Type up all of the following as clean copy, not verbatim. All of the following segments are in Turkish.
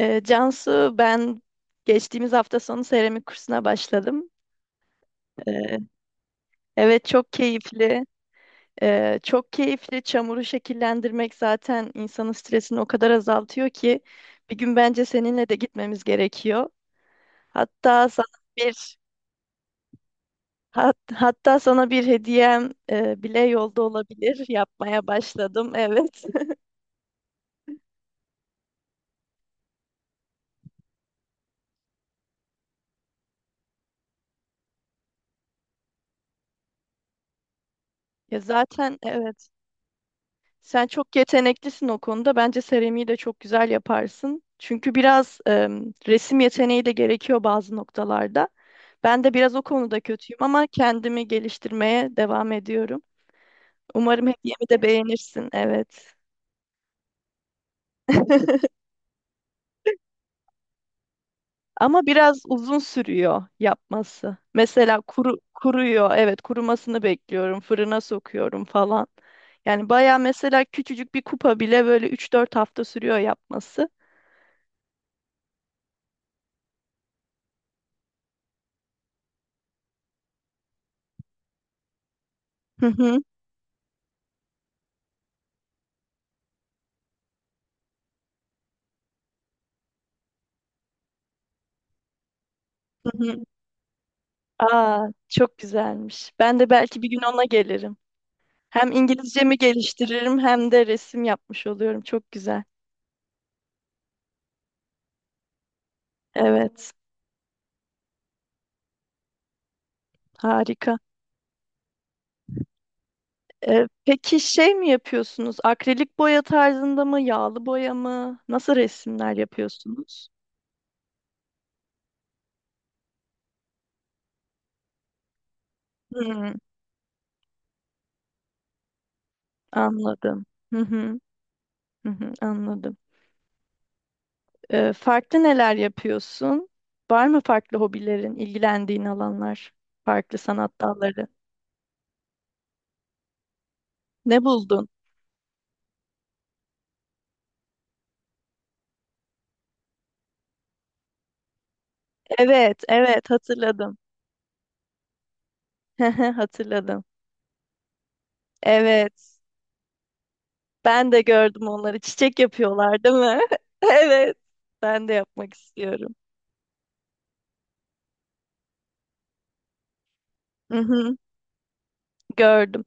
Cansu, ben geçtiğimiz hafta sonu seramik kursuna başladım. Ee, evet, çok keyifli. Çok keyifli. Çamuru şekillendirmek zaten insanın stresini o kadar azaltıyor ki bir gün bence seninle de gitmemiz gerekiyor. Hatta sana bir hatta sana bir hediyem bile yolda olabilir. Yapmaya başladım. Evet. Ya zaten evet. Sen çok yeteneklisin o konuda. Bence seramiği de çok güzel yaparsın. Çünkü biraz resim yeteneği de gerekiyor bazı noktalarda. Ben de biraz o konuda kötüyüm ama kendimi geliştirmeye devam ediyorum. Umarım hediyemi de beğenirsin. Evet. Ama biraz uzun sürüyor yapması. Mesela kuruyor. Evet, kurumasını bekliyorum. Fırına sokuyorum falan. Yani baya mesela küçücük bir kupa bile böyle 3-4 hafta sürüyor yapması. Hı hı, hı hı. Aa, çok güzelmiş. Ben de belki bir gün ona gelirim. Hem İngilizcemi geliştiririm hem de resim yapmış oluyorum. Çok güzel. Evet, harika. Peki şey mi yapıyorsunuz? Akrilik boya tarzında mı, yağlı boya mı? Nasıl resimler yapıyorsunuz? Hmm, anladım. Hı hı, hı hı, anladım. Farklı neler yapıyorsun? Var mı farklı hobilerin, ilgilendiğin alanlar, farklı sanat dalları? Ne buldun? Evet, evet hatırladım. Hı hı. Hatırladım. Evet. Ben de gördüm onları. Çiçek yapıyorlar, değil mi? Evet. Ben de yapmak istiyorum. Hı hı, gördüm.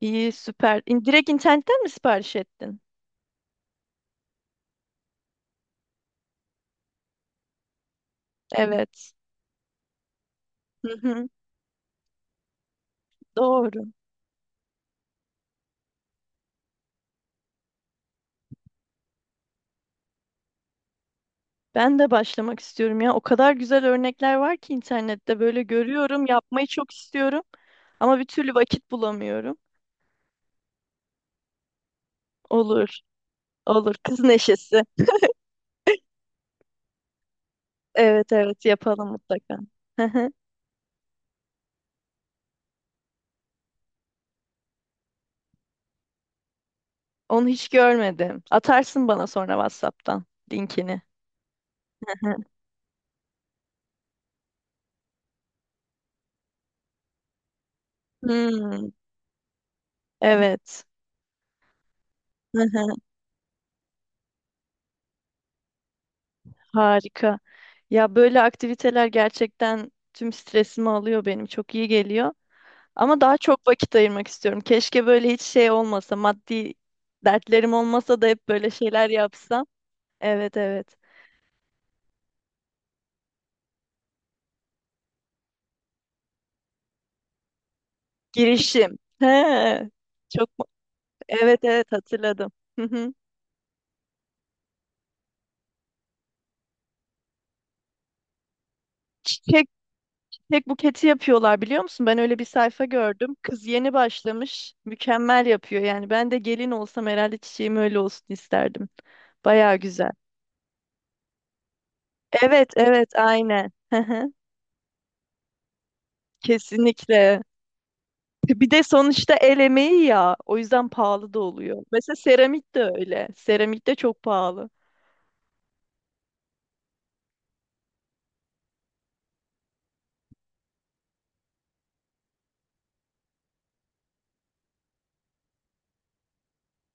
İyi, süper. Direkt internetten mi sipariş ettin? Evet. Hı hı, doğru. Ben de başlamak istiyorum ya. O kadar güzel örnekler var ki internette böyle görüyorum. Yapmayı çok istiyorum ama bir türlü vakit bulamıyorum. Olur, olur. Kız neşesi. Evet, evet yapalım mutlaka. Onu hiç görmedim. Atarsın bana sonra WhatsApp'tan linkini. Hmm, evet. Harika. Ya böyle aktiviteler gerçekten tüm stresimi alıyor benim. Çok iyi geliyor. Ama daha çok vakit ayırmak istiyorum. Keşke böyle hiç şey olmasa, maddi dertlerim olmasa da hep böyle şeyler yapsam. Evet evet. Girişim. He. Çok mu- evet evet hatırladım. Hı hı. Çiçek, çiçek buketi yapıyorlar biliyor musun? Ben öyle bir sayfa gördüm. Kız yeni başlamış. Mükemmel yapıyor yani. Ben de gelin olsam herhalde çiçeğim öyle olsun isterdim. Baya güzel. Evet evet aynen. Hı hı. Kesinlikle. Bir de sonuçta el emeği ya. O yüzden pahalı da oluyor. Mesela seramik de öyle. Seramik de çok pahalı.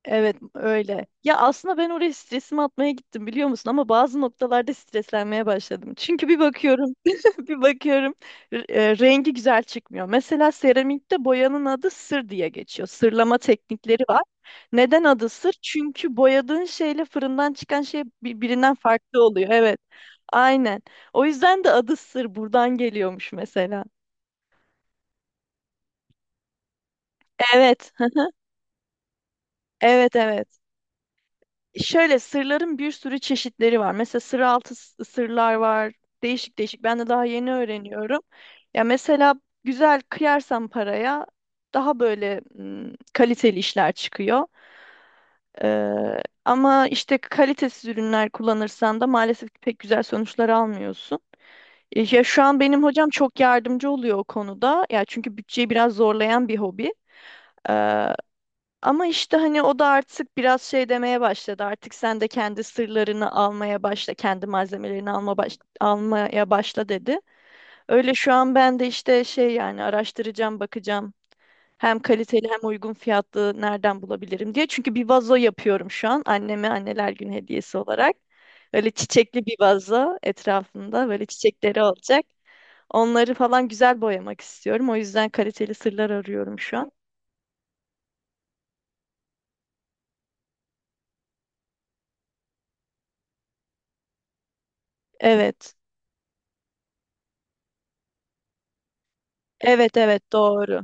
Evet öyle. Ya aslında ben oraya stresimi atmaya gittim biliyor musun? Ama bazı noktalarda streslenmeye başladım. Çünkü bir bakıyorum, bir bakıyorum rengi güzel çıkmıyor. Mesela seramikte boyanın adı sır diye geçiyor. Sırlama teknikleri var. Neden adı sır? Çünkü boyadığın şeyle fırından çıkan şey birbirinden farklı oluyor. Evet. Aynen. O yüzden de adı sır buradan geliyormuş mesela. Evet. Evet, evet. Şöyle sırların bir sürü çeşitleri var. Mesela sır altı sırlar var. Değişik değişik. Ben de daha yeni öğreniyorum. Ya mesela güzel kıyarsan paraya daha böyle kaliteli işler çıkıyor. Ee, Ama işte kalitesiz ürünler kullanırsan da maalesef ki pek güzel sonuçlar almıyorsun. Ya şu an benim hocam çok yardımcı oluyor o konuda. Ya çünkü bütçeyi biraz zorlayan bir hobi. Ama işte hani o da artık biraz şey demeye başladı. Artık sen de kendi sırlarını almaya başla, kendi malzemelerini almaya başla dedi. Öyle şu an ben de işte şey yani araştıracağım, bakacağım. Hem kaliteli hem uygun fiyatlı nereden bulabilirim diye. Çünkü bir vazo yapıyorum şu an anneme anneler günü hediyesi olarak. Öyle çiçekli bir vazo etrafında böyle çiçekleri olacak. Onları falan güzel boyamak istiyorum. O yüzden kaliteli sırlar arıyorum şu an. Evet. Evet evet doğru.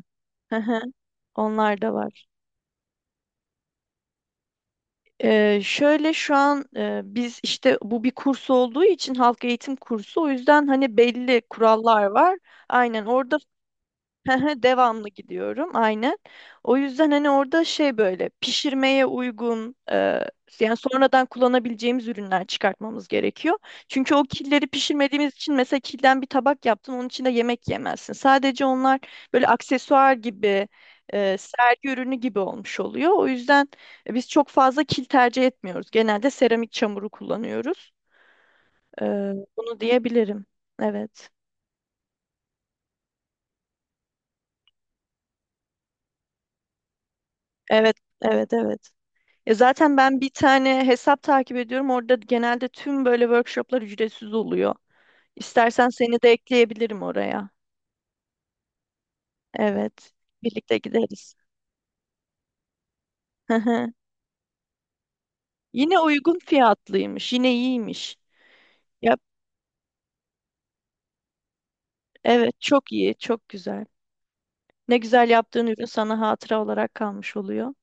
Hı hı. Onlar da var. Şöyle şu an biz işte bu bir kurs olduğu için halk eğitim kursu o yüzden hani belli kurallar var. Aynen orada. Devamlı gidiyorum aynen. O yüzden hani orada şey böyle pişirmeye uygun yani sonradan kullanabileceğimiz ürünler çıkartmamız gerekiyor. Çünkü o killeri pişirmediğimiz için mesela kilden bir tabak yaptın onun içinde yemek yemezsin. Sadece onlar böyle aksesuar gibi sergi ürünü gibi olmuş oluyor. O yüzden biz çok fazla kil tercih etmiyoruz. Genelde seramik çamuru kullanıyoruz. E, Bunu diyebilirim. Evet. Evet, evet, evet. Ya zaten ben bir tane hesap takip ediyorum. Orada genelde tüm böyle workshoplar ücretsiz oluyor. İstersen seni de ekleyebilirim oraya. Evet. Birlikte gideriz. Hı hı. Yine uygun fiyatlıymış. Yine iyiymiş. Yap. Evet, çok iyi, çok güzel. Ne güzel yaptığın ürün sana hatıra olarak kalmış oluyor.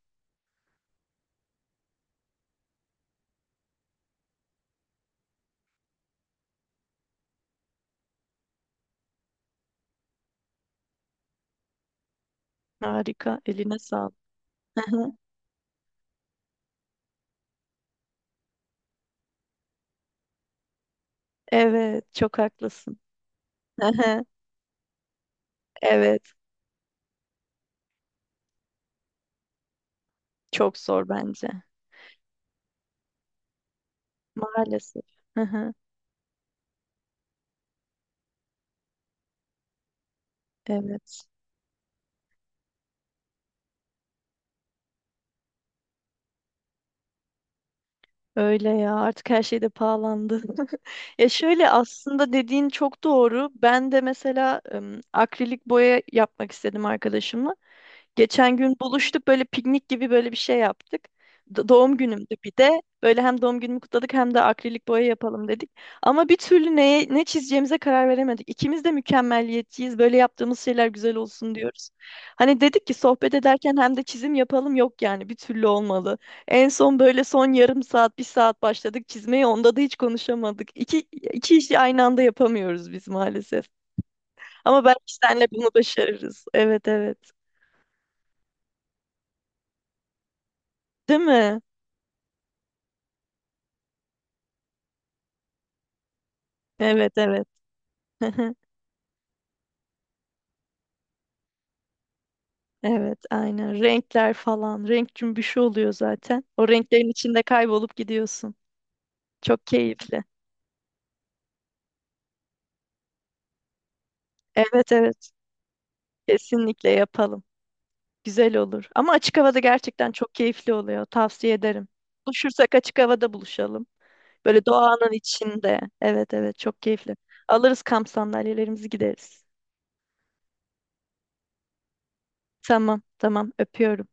Harika. Eline sağlık. Hı hı. Evet, çok haklısın. Hı hı. Evet, çok zor bence. Maalesef. Hı hı. Evet. Öyle ya artık her şey de pahalandı. Ya şöyle aslında dediğin çok doğru. Ben de mesela akrilik boya yapmak istedim arkadaşımla. Geçen gün buluştuk böyle piknik gibi böyle bir şey yaptık. Doğum günümdü bir de. Böyle hem doğum günümü kutladık hem de akrilik boya yapalım dedik. Ama bir türlü neye, ne çizeceğimize karar veremedik. İkimiz de mükemmeliyetçiyiz. Böyle yaptığımız şeyler güzel olsun diyoruz. Hani dedik ki sohbet ederken hem de çizim yapalım yok yani bir türlü olmalı. En son böyle son yarım saat, bir saat başladık çizmeye. Onda da hiç konuşamadık. İki işi aynı anda yapamıyoruz biz maalesef. Ama belki senle bunu başarırız. Evet, evet. Değil mi? Evet, evet. Evet, aynen. Renkler falan. Renk cümbüşü oluyor zaten. O renklerin içinde kaybolup gidiyorsun. Çok keyifli. Evet, evet. Kesinlikle yapalım. Güzel olur. Ama açık havada gerçekten çok keyifli oluyor. Tavsiye ederim. Buluşursak açık havada buluşalım. Böyle doğanın içinde. Evet evet çok keyifli. Alırız kamp sandalyelerimizi gideriz. Tamam tamam öpüyorum.